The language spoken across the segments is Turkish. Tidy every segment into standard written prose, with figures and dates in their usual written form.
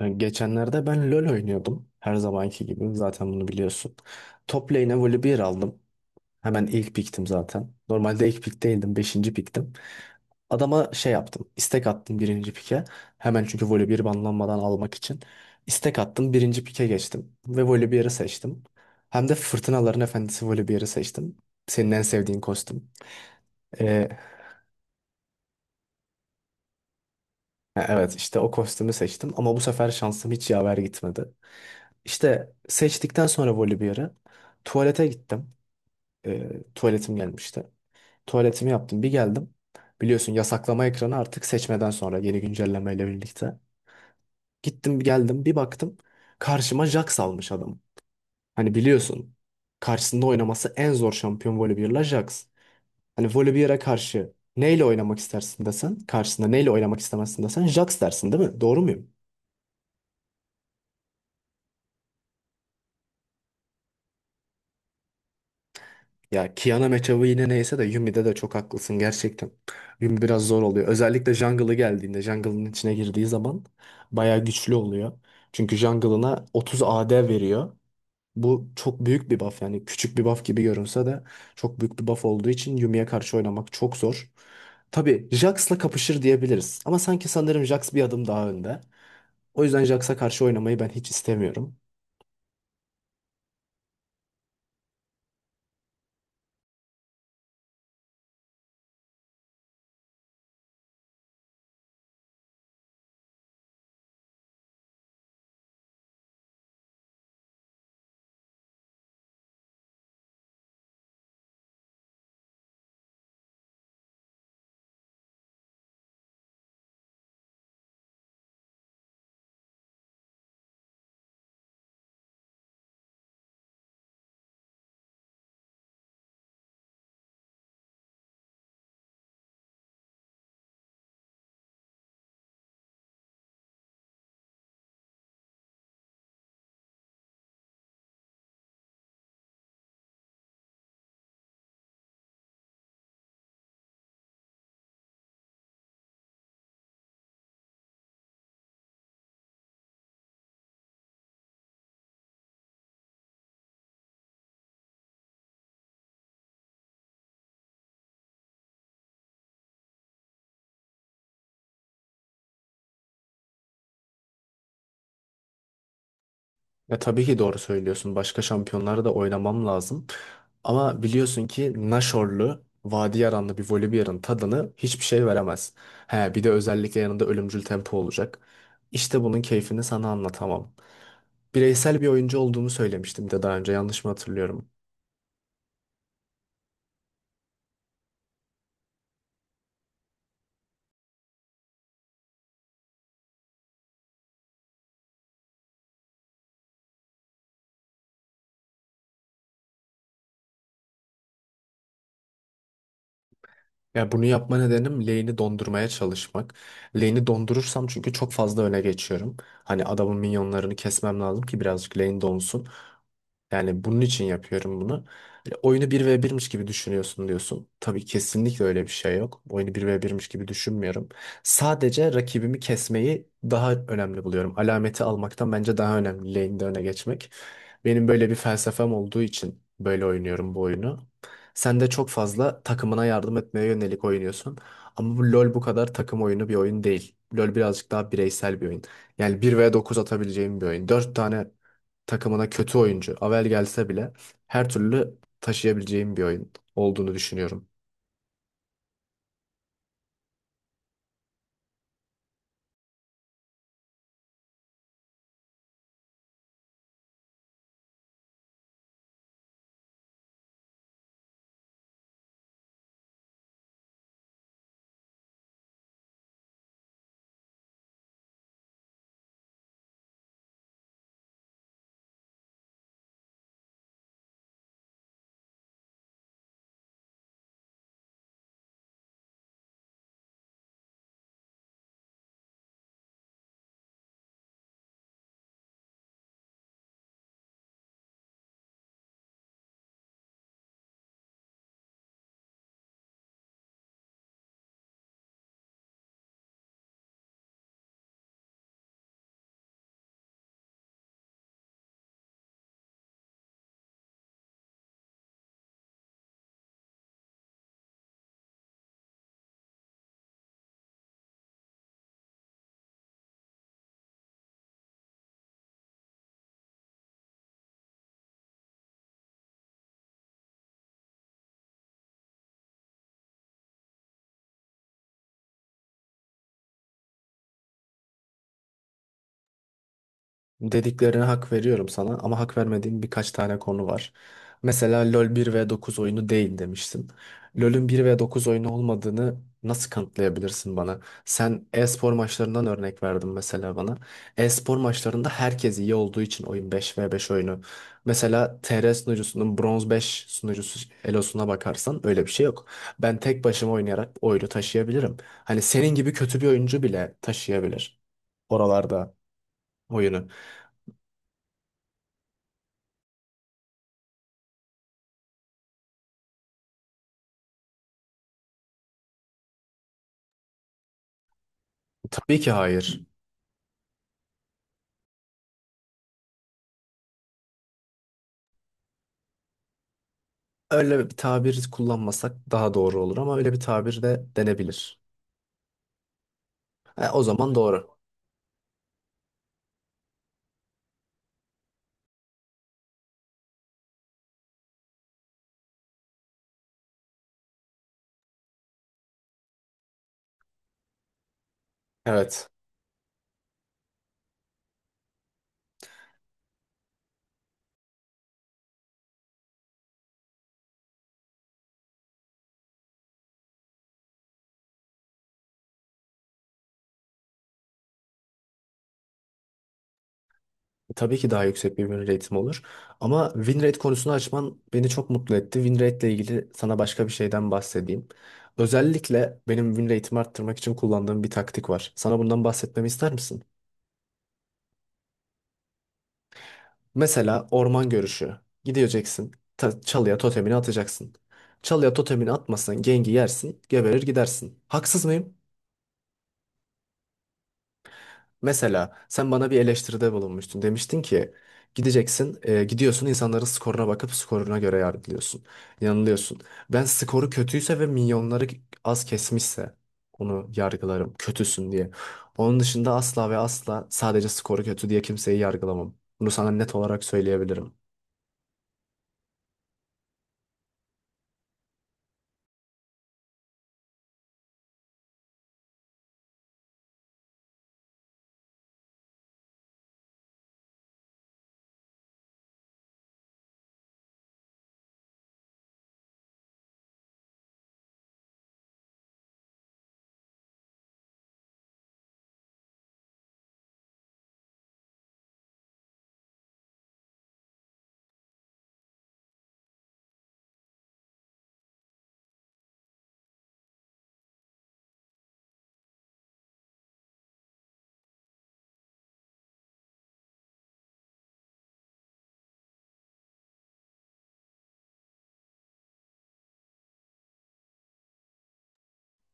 Yani geçenlerde ben LoL oynuyordum. Her zamanki gibi. Zaten bunu biliyorsun. Top lane'e Volibear aldım. Hemen ilk piktim zaten. Normalde ilk pik değildim. Beşinci piktim. Adama şey yaptım. İstek attım birinci pike. Hemen çünkü Volibear banlanmadan almak için. İstek attım. Birinci pike geçtim. Ve Volibear'ı seçtim. Hem de Fırtınaların Efendisi Volibear'ı seçtim. Senin en sevdiğin kostüm. Ee, evet işte o kostümü seçtim. Ama bu sefer şansım hiç yaver gitmedi. İşte seçtikten sonra Volibear'ı tuvalete gittim. Tuvaletim gelmişti. Tuvaletimi yaptım. Bir geldim. Biliyorsun yasaklama ekranı artık seçmeden sonra yeni güncellemeyle birlikte. Gittim geldim bir baktım. Karşıma Jax almış adam. Hani biliyorsun karşısında oynaması en zor şampiyon Volibear'la Jax. Hani Volibear'a karşı neyle oynamak istersin desen, karşısında neyle oynamak istemezsin desen Jax dersin değil mi? Doğru muyum? Ya Kiana matchup'ı yine neyse de Yumi'de de çok haklısın gerçekten. Yumi biraz zor oluyor. Özellikle jungle'ı geldiğinde, jungle'ın içine girdiği zaman bayağı güçlü oluyor. Çünkü jungle'ına 30 AD veriyor. Bu çok büyük bir buff, yani küçük bir buff gibi görünse de çok büyük bir buff olduğu için Yumi'ye karşı oynamak çok zor. Tabii Jax'la kapışır diyebiliriz ama sanırım Jax bir adım daha önde. O yüzden Jax'a karşı oynamayı ben hiç istemiyorum. Ya tabii ki doğru söylüyorsun. Başka şampiyonlara da oynamam lazım. Ama biliyorsun ki Naşorlu, Vadi Yaranlı bir Volibear'ın tadını hiçbir şey veremez. He, bir de özellikle yanında ölümcül tempo olacak. İşte bunun keyfini sana anlatamam. Bireysel bir oyuncu olduğumu söylemiştim de daha önce, yanlış mı hatırlıyorum? Ya bunu yapma nedenim lane'i dondurmaya çalışmak. Lane'i dondurursam çünkü çok fazla öne geçiyorum. Hani adamın minyonlarını kesmem lazım ki birazcık lane donsun. Yani bunun için yapıyorum bunu. Hani oyunu bir ve birmiş gibi düşünüyorsun diyorsun. Tabii kesinlikle öyle bir şey yok. Oyunu bir ve birmiş gibi düşünmüyorum. Sadece rakibimi kesmeyi daha önemli buluyorum. Alameti almaktan bence daha önemli lane'de öne geçmek. Benim böyle bir felsefem olduğu için böyle oynuyorum bu oyunu. Sen de çok fazla takımına yardım etmeye yönelik oynuyorsun. Ama bu LoL bu kadar takım oyunu bir oyun değil. LoL birazcık daha bireysel bir oyun. Yani bir ve dokuz atabileceğim bir oyun. 4 tane takımına kötü oyuncu Avel gelse bile her türlü taşıyabileceğim bir oyun olduğunu düşünüyorum. Dediklerine hak veriyorum sana ama hak vermediğim birkaç tane konu var. Mesela LoL bir ve 9 oyunu değil demiştin. LoL'ün bir ve 9 oyunu olmadığını nasıl kanıtlayabilirsin bana? Sen e-spor maçlarından örnek verdin mesela bana. E-spor maçlarında herkes iyi olduğu için oyun 5 ve 5 oyunu. Mesela TR sunucusunun bronz 5 sunucusu elosuna bakarsan öyle bir şey yok. Ben tek başıma oynayarak oyunu taşıyabilirim. Hani senin gibi kötü bir oyuncu bile taşıyabilir oralarda oyunu. Tabii ki hayır. Öyle bir tabir kullanmasak daha doğru olur ama öyle bir tabir de denebilir. Ha, o zaman doğru. Evet. Tabii ki daha yüksek bir win rate'im olur. Ama win rate konusunu açman beni çok mutlu etti. Win rate ile ilgili sana başka bir şeyden bahsedeyim. Özellikle benim win rate'imi arttırmak için kullandığım bir taktik var. Sana bundan bahsetmemi ister misin? Mesela orman görüşü. Gideceksin, çalıya totemini atacaksın. Çalıya totemini atmasın, gengi yersin, geberir gidersin. Haksız mıyım? Mesela sen bana bir eleştiride bulunmuştun. Demiştin ki gideceksin, gidiyorsun insanların skoruna bakıp skoruna göre yargılıyorsun. Yanılıyorsun. Ben skoru kötüyse ve milyonları az kesmişse onu yargılarım. Kötüsün diye. Onun dışında asla ve asla sadece skoru kötü diye kimseyi yargılamam. Bunu sana net olarak söyleyebilirim.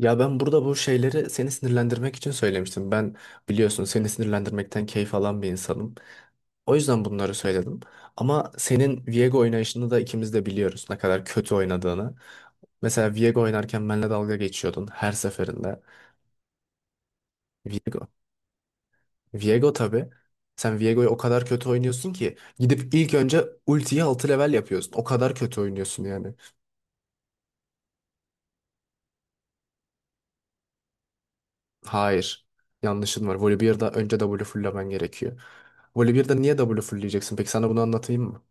Ya ben burada bu şeyleri seni sinirlendirmek için söylemiştim. Ben biliyorsun seni sinirlendirmekten keyif alan bir insanım. O yüzden bunları söyledim. Ama senin Viego oynayışını da ikimiz de biliyoruz ne kadar kötü oynadığını. Mesela Viego oynarken benimle dalga geçiyordun her seferinde. Viego. Viego tabii. Sen Viego'yu o kadar kötü oynuyorsun ki gidip ilk önce ultiyi 6 level yapıyorsun. O kadar kötü oynuyorsun yani. Hayır. Yanlışın var. Volibear'da önce W fulllemen gerekiyor. Volibear'da niye W fullleyeceksin? Peki sana bunu anlatayım mı?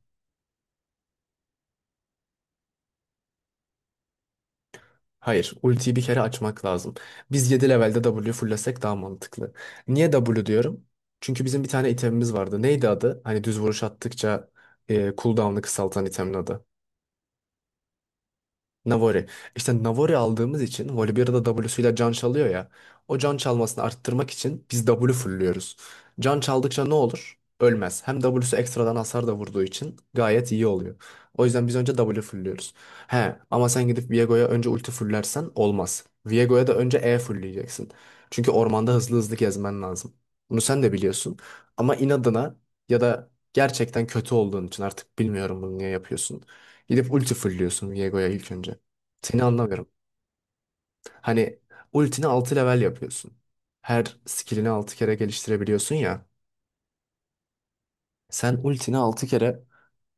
Hayır, ultiyi bir kere açmak lazım. Biz 7 levelde W fullesek daha mantıklı. Niye W diyorum? Çünkü bizim bir tane itemimiz vardı. Neydi adı? Hani düz vuruş attıkça cooldown'ı kısaltan itemin adı. Navori. İşte Navori aldığımız için Volibear'da W'suyla can çalıyor ya. O can çalmasını arttırmak için biz W fullüyoruz. Can çaldıkça ne olur? Ölmez. Hem W'su ekstradan hasar da vurduğu için gayet iyi oluyor. O yüzden biz önce W fullüyoruz. He ama sen gidip Viego'ya önce ulti fullersen olmaz. Viego'ya da önce E fullleyeceksin. Çünkü ormanda hızlı hızlı gezmen lazım. Bunu sen de biliyorsun. Ama inadına ya da gerçekten kötü olduğun için artık bilmiyorum bunu niye yapıyorsun. Gidip ulti fullliyorsun Viego'ya ilk önce. Seni anlamıyorum. Hani ultini 6 level yapıyorsun. Her skillini 6 kere geliştirebiliyorsun ya. Sen ultini 6 kere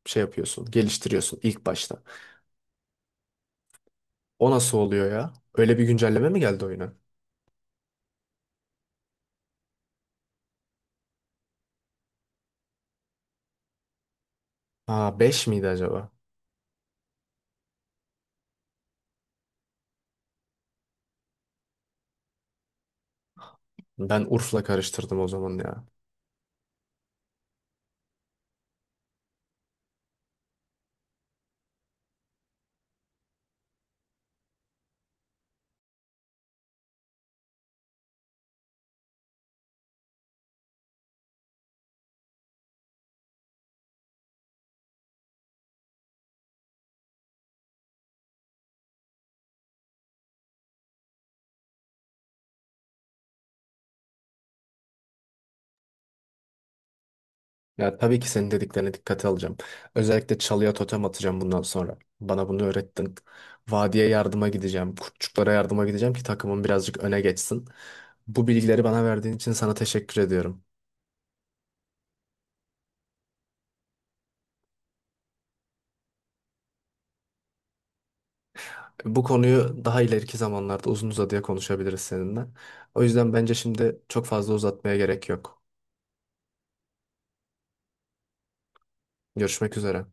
şey yapıyorsun, geliştiriyorsun ilk başta. O nasıl oluyor ya? Öyle bir güncelleme mi geldi oyuna? Aa 5 miydi acaba? Ben Urf'la karıştırdım o zaman ya. Ya tabii ki senin dediklerine dikkate alacağım. Özellikle çalıya totem atacağım bundan sonra. Bana bunu öğrettin. Vadiye yardıma gideceğim. Kurtçuklara yardıma gideceğim ki takımım birazcık öne geçsin. Bu bilgileri bana verdiğin için sana teşekkür ediyorum. Bu konuyu daha ileriki zamanlarda uzun uzadıya konuşabiliriz seninle. O yüzden bence şimdi çok fazla uzatmaya gerek yok. Görüşmek üzere.